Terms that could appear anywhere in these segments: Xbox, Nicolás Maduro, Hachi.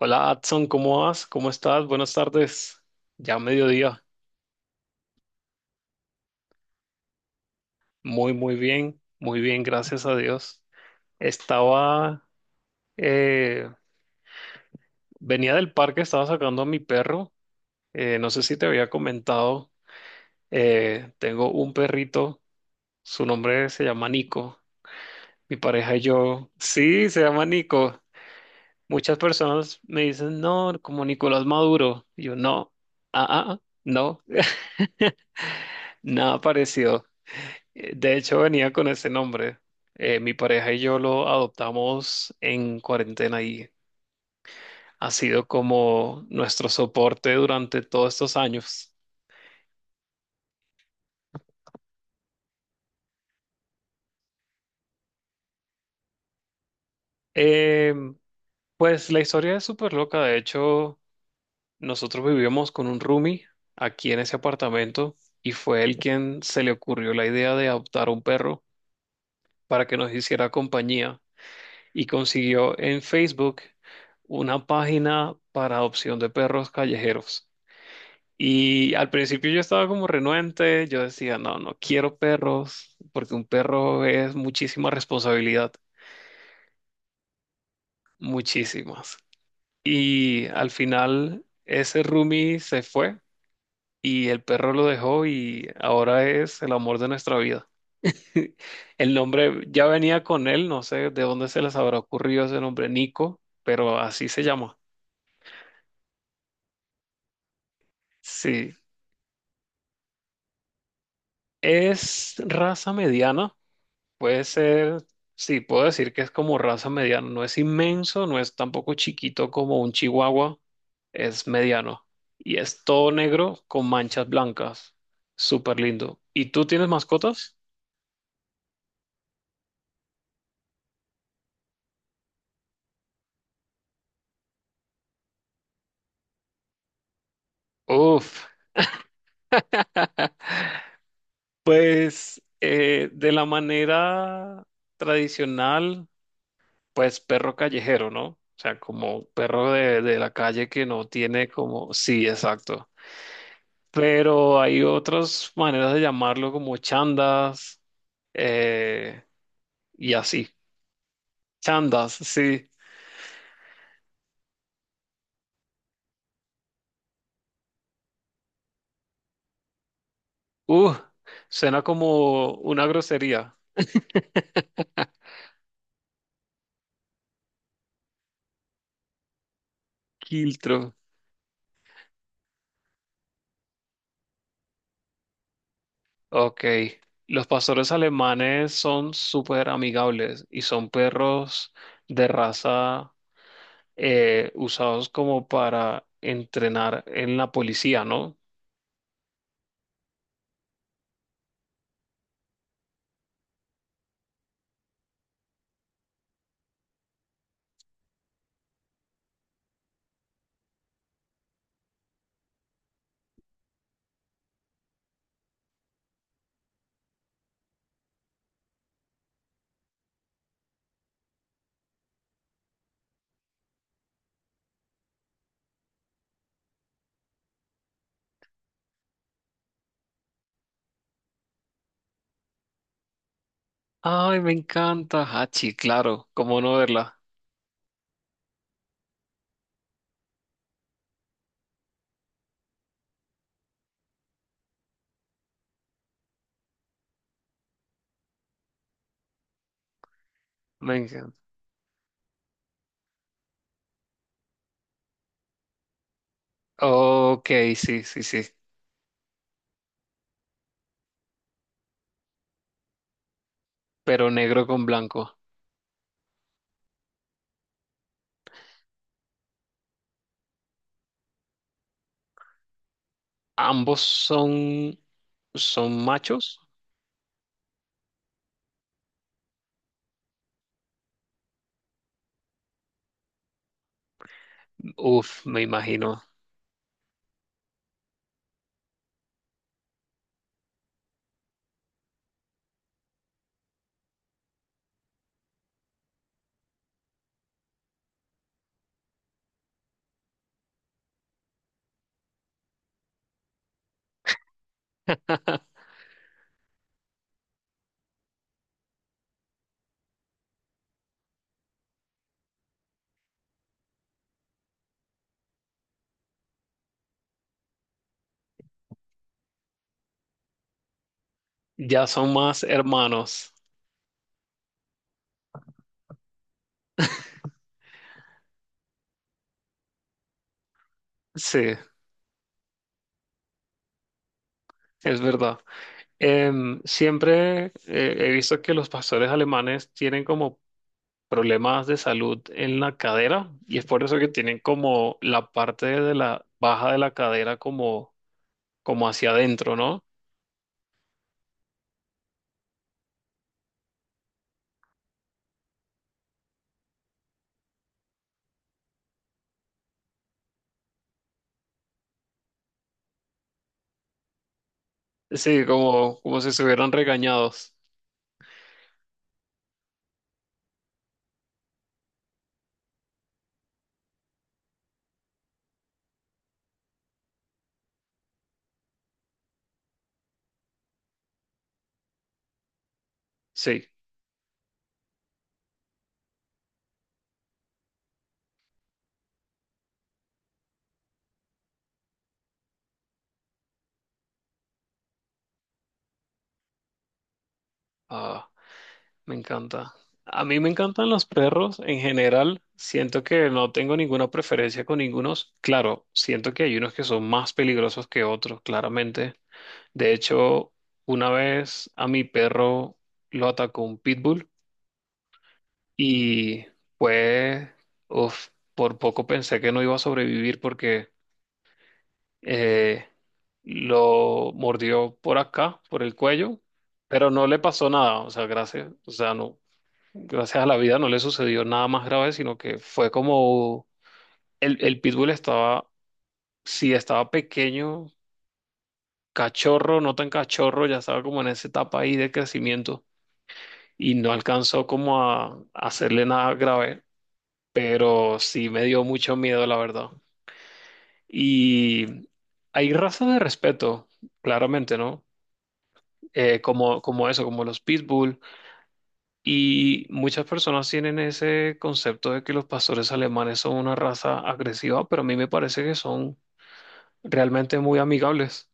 Hola, Adson, ¿cómo vas? ¿Cómo estás? Buenas tardes. Ya mediodía. Muy, muy bien. Muy bien, gracias a Dios. Estaba, eh, venía del parque, estaba sacando a mi perro. No sé si te había comentado, tengo un perrito, su nombre se llama Nico. Mi pareja y yo, sí, se llama Nico. Muchas personas me dicen, no, como Nicolás Maduro. Y yo, no, no, nada parecido. De hecho, venía con ese nombre. Mi pareja y yo lo adoptamos en cuarentena y ha sido como nuestro soporte durante todos estos años. Eh, pues la historia es súper loca. De hecho, nosotros vivíamos con un roomie aquí en ese apartamento y fue él quien se le ocurrió la idea de adoptar un perro para que nos hiciera compañía y consiguió en Facebook una página para adopción de perros callejeros. Y al principio yo estaba como renuente, yo decía, no, no quiero perros, porque un perro es muchísima responsabilidad, muchísimas. Y al final ese roomie se fue y el perro lo dejó y ahora es el amor de nuestra vida. El nombre ya venía con él, no sé de dónde se les habrá ocurrido ese nombre, Nico, pero así se llama. Sí, es raza mediana. Puede ser, sí, puedo decir que es como raza mediana. No es inmenso, no es tampoco chiquito como un chihuahua, es mediano. Y es todo negro con manchas blancas. Súper lindo. ¿Y tú tienes mascotas? Uf, pues de la manera tradicional, pues perro callejero, ¿no? O sea, como perro de la calle que no tiene como... Sí, exacto. Pero hay otras maneras de llamarlo como chandas, eh, y así. Chandas, sí. Uh, suena como una grosería. Kiltro. Ok. Los pastores alemanes son súper amigables y son perros de raza, usados como para entrenar en la policía, ¿no? Ay, me encanta Hachi, claro, cómo no verla. Me encanta. Ok, sí, sí, sí. Pero negro con blanco. Ambos son, son machos. Uf, me imagino. Ya son más hermanos. Sí, es verdad. Siempre he visto que los pastores alemanes tienen como problemas de salud en la cadera y es por eso que tienen como la parte de la baja de la cadera como, como hacia adentro, ¿no? Sí, como, como si estuvieran regañados. Sí. Ah. Me encanta. A mí me encantan los perros en general. Siento que no tengo ninguna preferencia con ningunos. Claro, siento que hay unos que son más peligrosos que otros, claramente. De hecho, una vez a mi perro lo atacó un pitbull y pues, uf, por poco pensé que no iba a sobrevivir porque eh, lo mordió por acá, por el cuello, pero no le pasó nada. O sea, gracias. O sea, no, gracias a la vida no le sucedió nada más grave, sino que fue como el pitbull estaba, sí, estaba pequeño, cachorro, no tan cachorro, ya estaba como en esa etapa ahí de crecimiento y no alcanzó como a hacerle nada grave, pero sí me dio mucho miedo, la verdad. Y hay razas de respeto, claramente, ¿no? Como, como eso, como los pitbull. Y muchas personas tienen ese concepto de que los pastores alemanes son una raza agresiva, pero a mí me parece que son realmente muy amigables.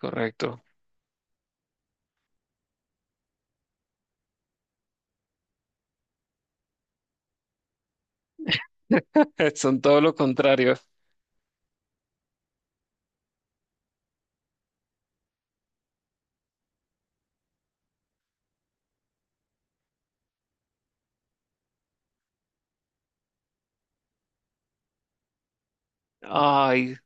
Correcto. Son todo lo contrario. Ay,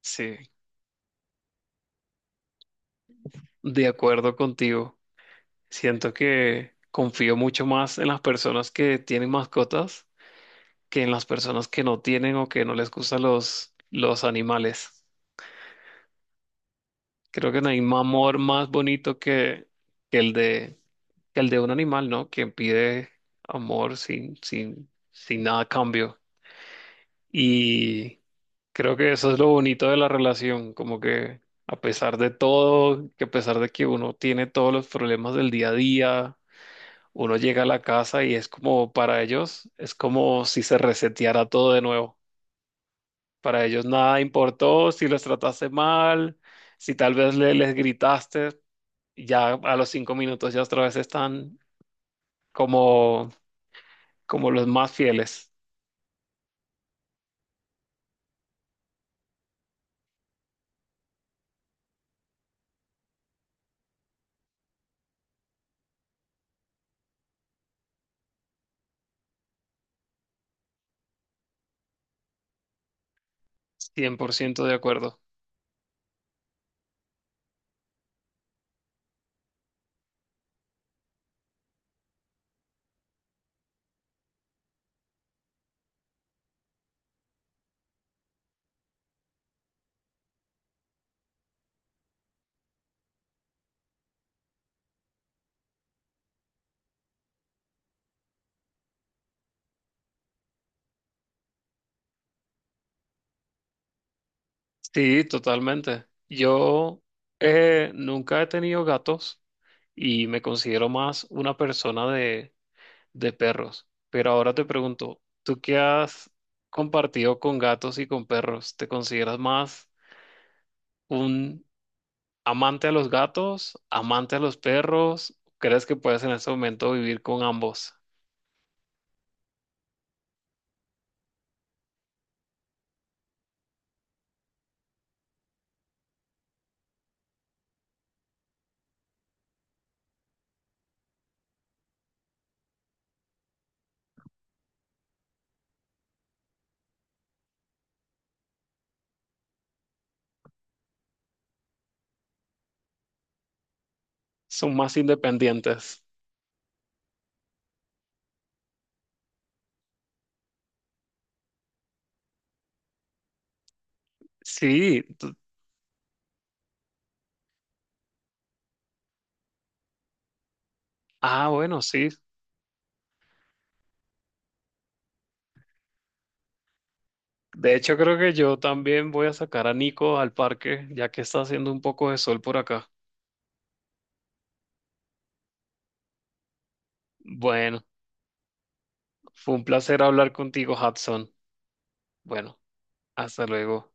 sí, de acuerdo contigo. Siento que confío mucho más en las personas que tienen mascotas que en las personas que no tienen o que no les gustan los animales. Creo que no hay amor más bonito que, que el de que el de un animal, ¿no? Que pide amor sin nada a cambio. Y creo que eso es lo bonito de la relación, como que a pesar de todo, que a pesar de que uno tiene todos los problemas del día a día, uno llega a la casa y es como para ellos, es como si se reseteara todo de nuevo. Para ellos nada importó, si los trataste mal, si tal vez les gritaste, ya a los 5 minutos ya otra vez están como como los más fieles. 100% de acuerdo. Sí, totalmente. Yo nunca he tenido gatos y me considero más una persona de perros. Pero ahora te pregunto, ¿tú qué has compartido con gatos y con perros? ¿Te consideras más un amante a los gatos, amante a los perros? ¿Crees que puedes en este momento vivir con ambos? Son más independientes. Sí. Ah, bueno, sí. De hecho, creo que yo también voy a sacar a Nico al parque, ya que está haciendo un poco de sol por acá. Bueno, fue un placer hablar contigo, Hudson. Bueno, hasta luego.